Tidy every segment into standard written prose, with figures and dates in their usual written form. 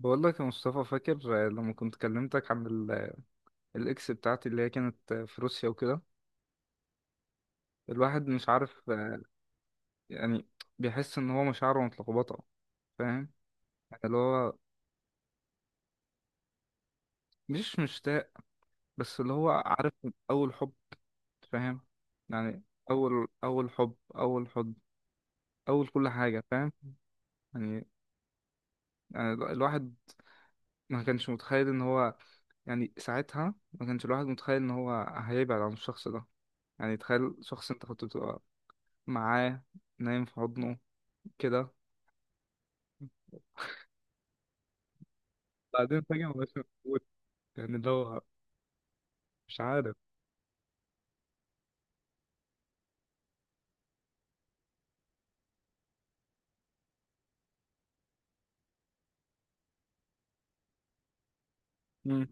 بقول لك يا مصطفى، فاكر لما كنت كلمتك عن الاكس بتاعتي اللي هي كانت في روسيا وكده؟ الواحد مش عارف، يعني بيحس ان هو مشاعره متلخبطه، فاهم؟ يعني اللي هو مش مشتاق، بس اللي هو عارف اول حب، فاهم؟ يعني اول حب، اول حب اول كل حاجه، فاهم؟ يعني يعني الواحد ما كانش متخيل ان هو، يعني ساعتها ما كانش الواحد متخيل ان هو هيبعد عن الشخص ده. يعني تخيل شخص انت كنت بتبقى معاه، نايم في حضنه كده، بعدين فجأة مبقاش موجود. يعني اللي هو مش عارف. مم.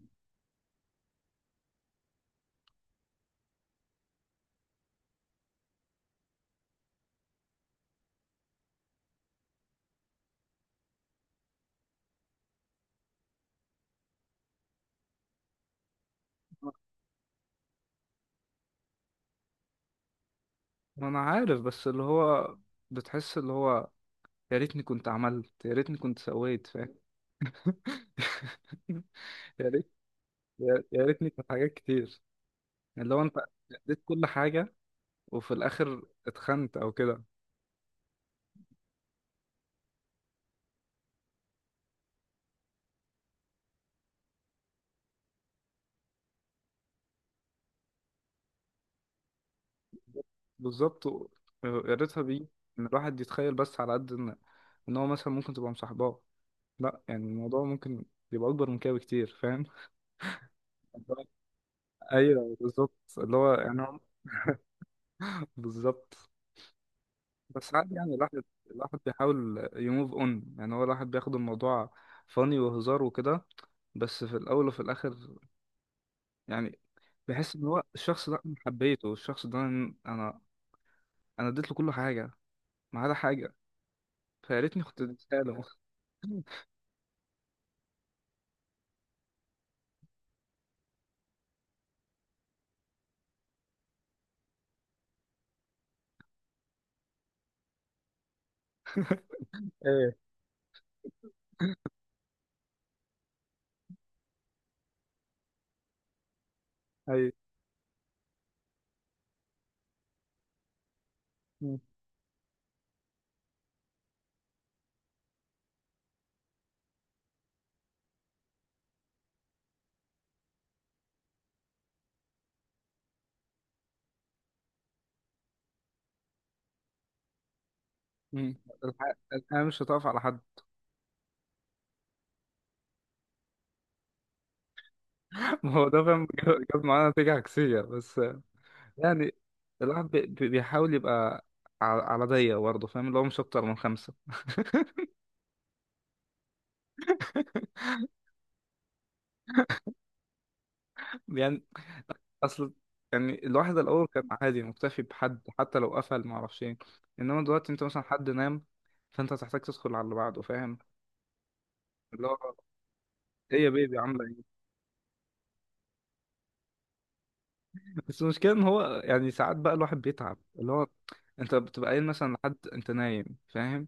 ما انا عارف، بس اللي هو بتحس اللي هو يا ريتني كنت عملت، يا ريتني كنت سويت، فاهم؟ يا ريت، يا ريتني كانت حاجات كتير. اللي هو انت اديت كل حاجة، وفي الاخر اتخنت او كده. بالظبط و- يا ريتها بيه. ان الواحد يتخيل بس على قد ان ان هو مثلا ممكن تبقى مصاحباه، لا يعني الموضوع ممكن يبقى أكبر من كده بكتير، فاهم؟ اللي هو- أيوه بالظبط، اللي هو يعني هو بالظبط. بس عادي يعني الواحد، الواحد بيحاول يموف اون. يعني هو الواحد بياخد الموضوع فاني وهزار وكده، بس في الأول وفي الآخر يعني بحس إن هو الشخص ده أنا حبيته، الشخص ده أنا أنا اديت له كل حاجة ما عدا حاجة. فيا ريتني كنت اديتها له. ايه؟ ايوه. مم. مم. الحياة مش هتقف على حد. ما هو ده فاهم، جاب معانا نتيجة عكسية بس. يعني الواحد بيحاول يبقى على على ضيق برضه، فاهم؟ اللي هو مش أكتر من خمسة يعني. أصل يعني الواحد الأول كان عادي مكتفي بحد، حتى لو قفل معرفش إيه. إنما دلوقتي أنت مثلا حد نام، فأنت هتحتاج تدخل على اللي بعده، فاهم؟ اللي هو إيه يا بيبي عاملة إيه. بس المشكلة إن هو يعني ساعات بقى الواحد بيتعب، اللي هو أنت بتبقى قايل مثلا لحد أنت نايم، فاهم؟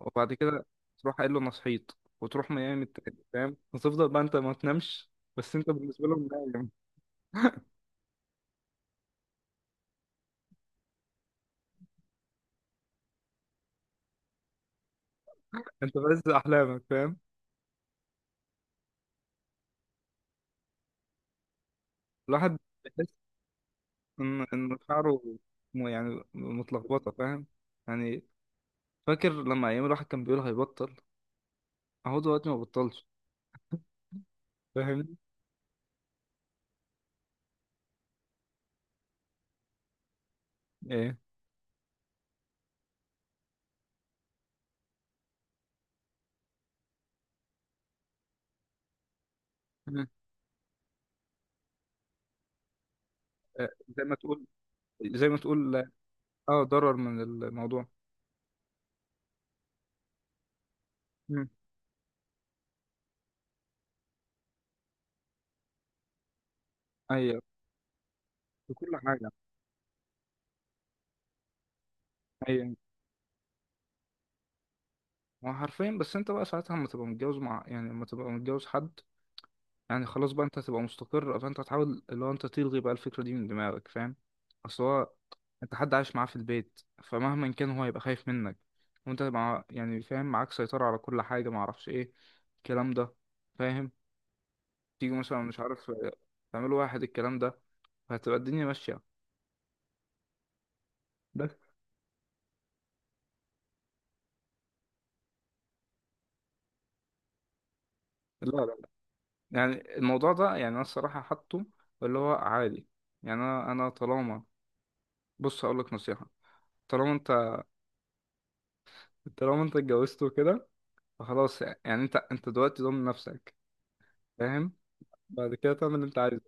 وبعد كده تروح قايل له أنا صحيت، وتروح نايم التاني، فاهم؟ وتفضل بقى أنت ما تنامش، بس أنت بالنسبة لهم نايم. انت بس احلامك، فاهم؟ الواحد بيحس ان ان شعره يعني متلخبطه، فاهم؟ يعني فاكر لما ايام الواحد كان بيقول هيبطل؟ اهو دلوقتي ما بطلش. فاهمني؟ ايه. مم. آه، زي ما تقول، زي ما تقول. اه ضرر من الموضوع. مم. ايوه في كل حاجه. ايوه هو حرفيا. بس انت بقى ساعتها لما تبقى متجوز مع يعني لما تبقى متجوز حد، يعني خلاص بقى انت هتبقى مستقر، فانت هتحاول اللي هو انت تلغي بقى الفكرة دي من دماغك، فاهم؟ اصل هو انت حد عايش معاه في البيت، فمهما كان هو هيبقى خايف منك. وانت مع، يعني فاهم، معاك سيطرة على كل حاجة، معرفش ايه الكلام ده، فاهم؟ تيجي مثلا مش عارف اه، تعملوا واحد الكلام ده، فهتبقى الدنيا ماشية. بس لا لا لا. يعني الموضوع ده يعني انا الصراحة حاطه اللي هو عادي. يعني انا طالما، بص هقول لك نصيحة، طالما انت، طالما انت اتجوزت وكده، فخلاص يعني انت دلوقتي ضامن نفسك، فاهم؟ بعد كده تعمل اللي انت عايزه.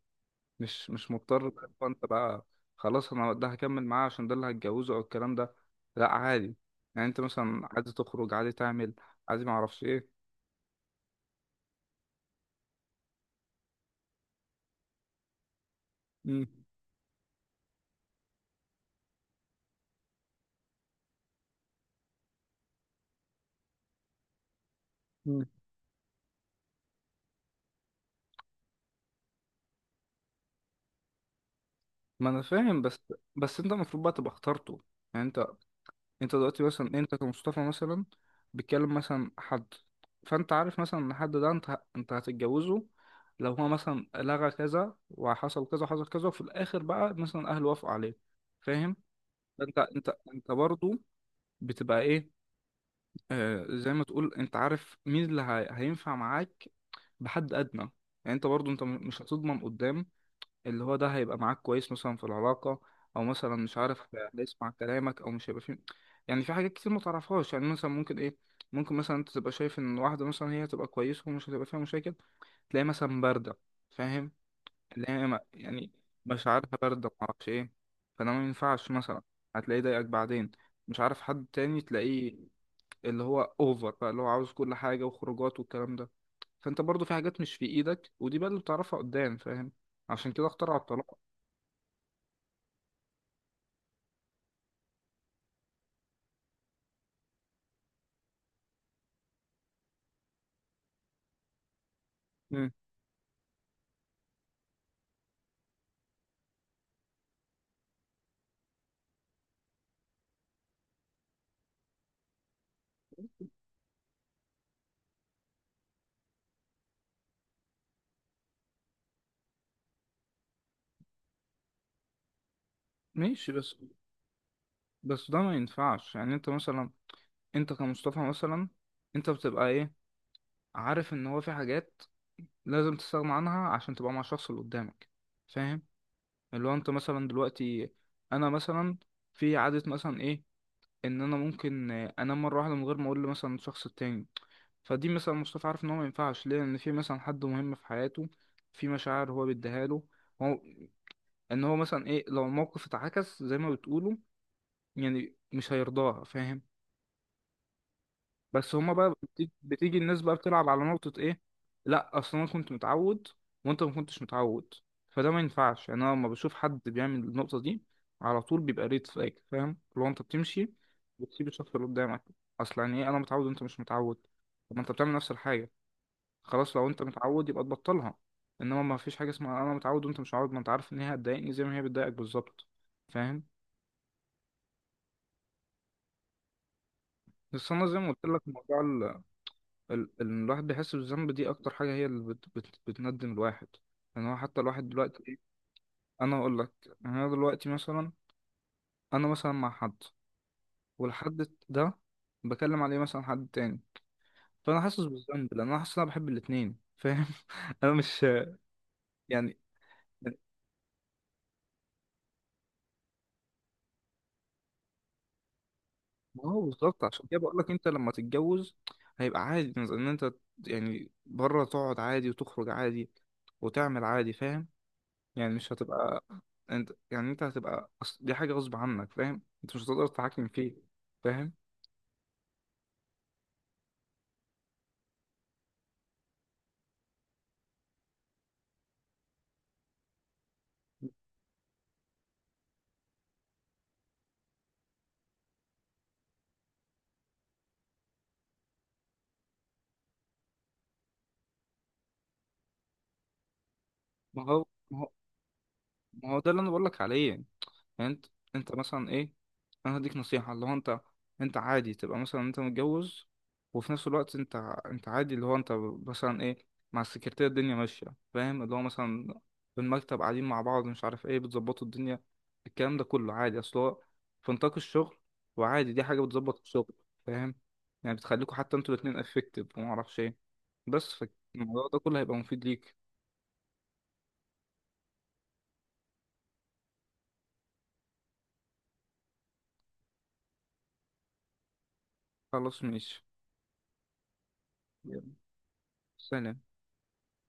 مش مش مضطر بقى اللي هو انت بقى خلاص انا ده هكمل معاه عشان ده اللي هتجوزه او الكلام ده، لا عادي. يعني انت مثلا عادي تخرج، عادي تعمل، عادي ما اعرفش ايه. مم. مم. ما انا فاهم، بس بس انت المفروض بقى تبقى اخترته. يعني انت دلوقتي مثلا انت كمصطفى مثلا بتكلم مثلا حد، فانت عارف مثلا ان الحد ده انت هتتجوزه. لو هو مثلا لغى كذا وحصل كذا وحصل كذا، وفي الاخر بقى مثلا اهله وافقوا عليه، فاهم؟ انت برضه بتبقى ايه، آه زي ما تقول، انت عارف مين هينفع معاك بحد ادنى. يعني انت برضه انت مش هتضمن قدام اللي هو ده هيبقى معاك كويس مثلا في العلاقة، أو مثلا مش عارف هيسمع كلامك أو مش هيبقى فيه. يعني في حاجات كتير ما تعرفهاش، يعني مثلا ممكن إيه، ممكن مثلا أنت تبقى شايف إن واحدة مثلا هي هتبقى كويسة ومش هتبقى فيها مشاكل، تلاقي مثلا باردة، فاهم؟ اللي هي ما- يعني مشاعرها باردة معرفش إيه، فده ما ينفعش مثلا. هتلاقيه ضايقك بعدين، مش عارف، حد تاني تلاقيه اللي هو أوفر بقى، اللي هو عاوز كل حاجة وخروجات والكلام ده. فأنت برضو في حاجات مش في إيدك، ودي بقى اللي بتعرفها قدام، فاهم؟ عشان كده اخترعوا الطلاق. ماشي بس، بس ده ما ينفعش. يعني انت مثلا انت كمصطفى مثلا انت بتبقى ايه عارف ان هو في حاجات لازم تستغنى عنها عشان تبقى مع الشخص اللي قدامك، فاهم؟ اللي هو انت مثلا دلوقتي، انا مثلا في عادة مثلا ايه، ان انا ممكن آه، انام مرة واحدة من غير ما اقول له مثلا الشخص التاني. فدي مثلا مصطفى عارف ان هو ما ينفعش ليه ان في مثلا حد مهم في حياته، في مشاعر هو بيديها له هو، ان هو مثلا ايه لو الموقف اتعكس زي ما بتقولوا، يعني مش هيرضاها، فاهم؟ بس هما بقى بتيجي الناس بقى بتلعب على نقطة ايه، لا اصل انا كنت متعود وانت ما كنتش متعود، فده ما ينفعش. يعني انا لما بشوف حد بيعمل النقطة دي، على طول بيبقى ريد فلاج، فاهم؟ لو انت بتمشي بتسيب الشخص اللي قدامك. اصل يعني ايه انا متعود وانت مش متعود؟ طب ما انت بتعمل نفس الحاجة، خلاص لو انت متعود يبقى تبطلها. انما ما فيش حاجة اسمها انا متعود وانت مش متعود، ما انت عارف ان هي هتضايقني زي ما هي بتضايقك بالظبط، فاهم؟ بس انا زي ما قلت لك موضوع الواحد بيحس بالذنب دي اكتر حاجه هي اللي بت بت بتندم الواحد. يعني هو حتى الواحد دلوقتي إيه؟ انا اقول لك. يعني انا دلوقتي مثلا، انا مثلا مع حد، والحد ده بكلم عليه مثلا حد تاني، فانا حاسس بالذنب لان انا حاسس ان انا بحب الاتنين، فاهم؟ انا مش يعني. ما هو بالظبط، عشان كده بقول لك انت لما تتجوز هيبقى عادي ان انت، يعني بره تقعد عادي وتخرج عادي وتعمل عادي، فاهم؟ يعني مش هتبقى انت، يعني انت هتبقى دي حاجة غصب عنك، فاهم؟ انت مش هتقدر تتحكم فيه، فاهم؟ ما هو ما هو ما هو ده اللي انا بقول لك عليه. يعني انت مثلا ايه، انا هديك نصيحة اللي هو انت، انت عادي تبقى مثلا انت متجوز وفي نفس الوقت انت عادي اللي هو انت مثلا ايه مع السكرتيرة، الدنيا ماشية، فاهم؟ اللي هو مثلا في المكتب قاعدين مع بعض مش عارف ايه بتظبطوا الدنيا، الكلام ده كله عادي اصل هو في نطاق الشغل، وعادي دي حاجة بتظبط الشغل، فاهم؟ يعني بتخليكوا حتى انتوا الاتنين افكتيف ومعرفش ايه، بس فالموضوع ده كله هيبقى مفيد ليك. خلاص ماشي. يلا. سلام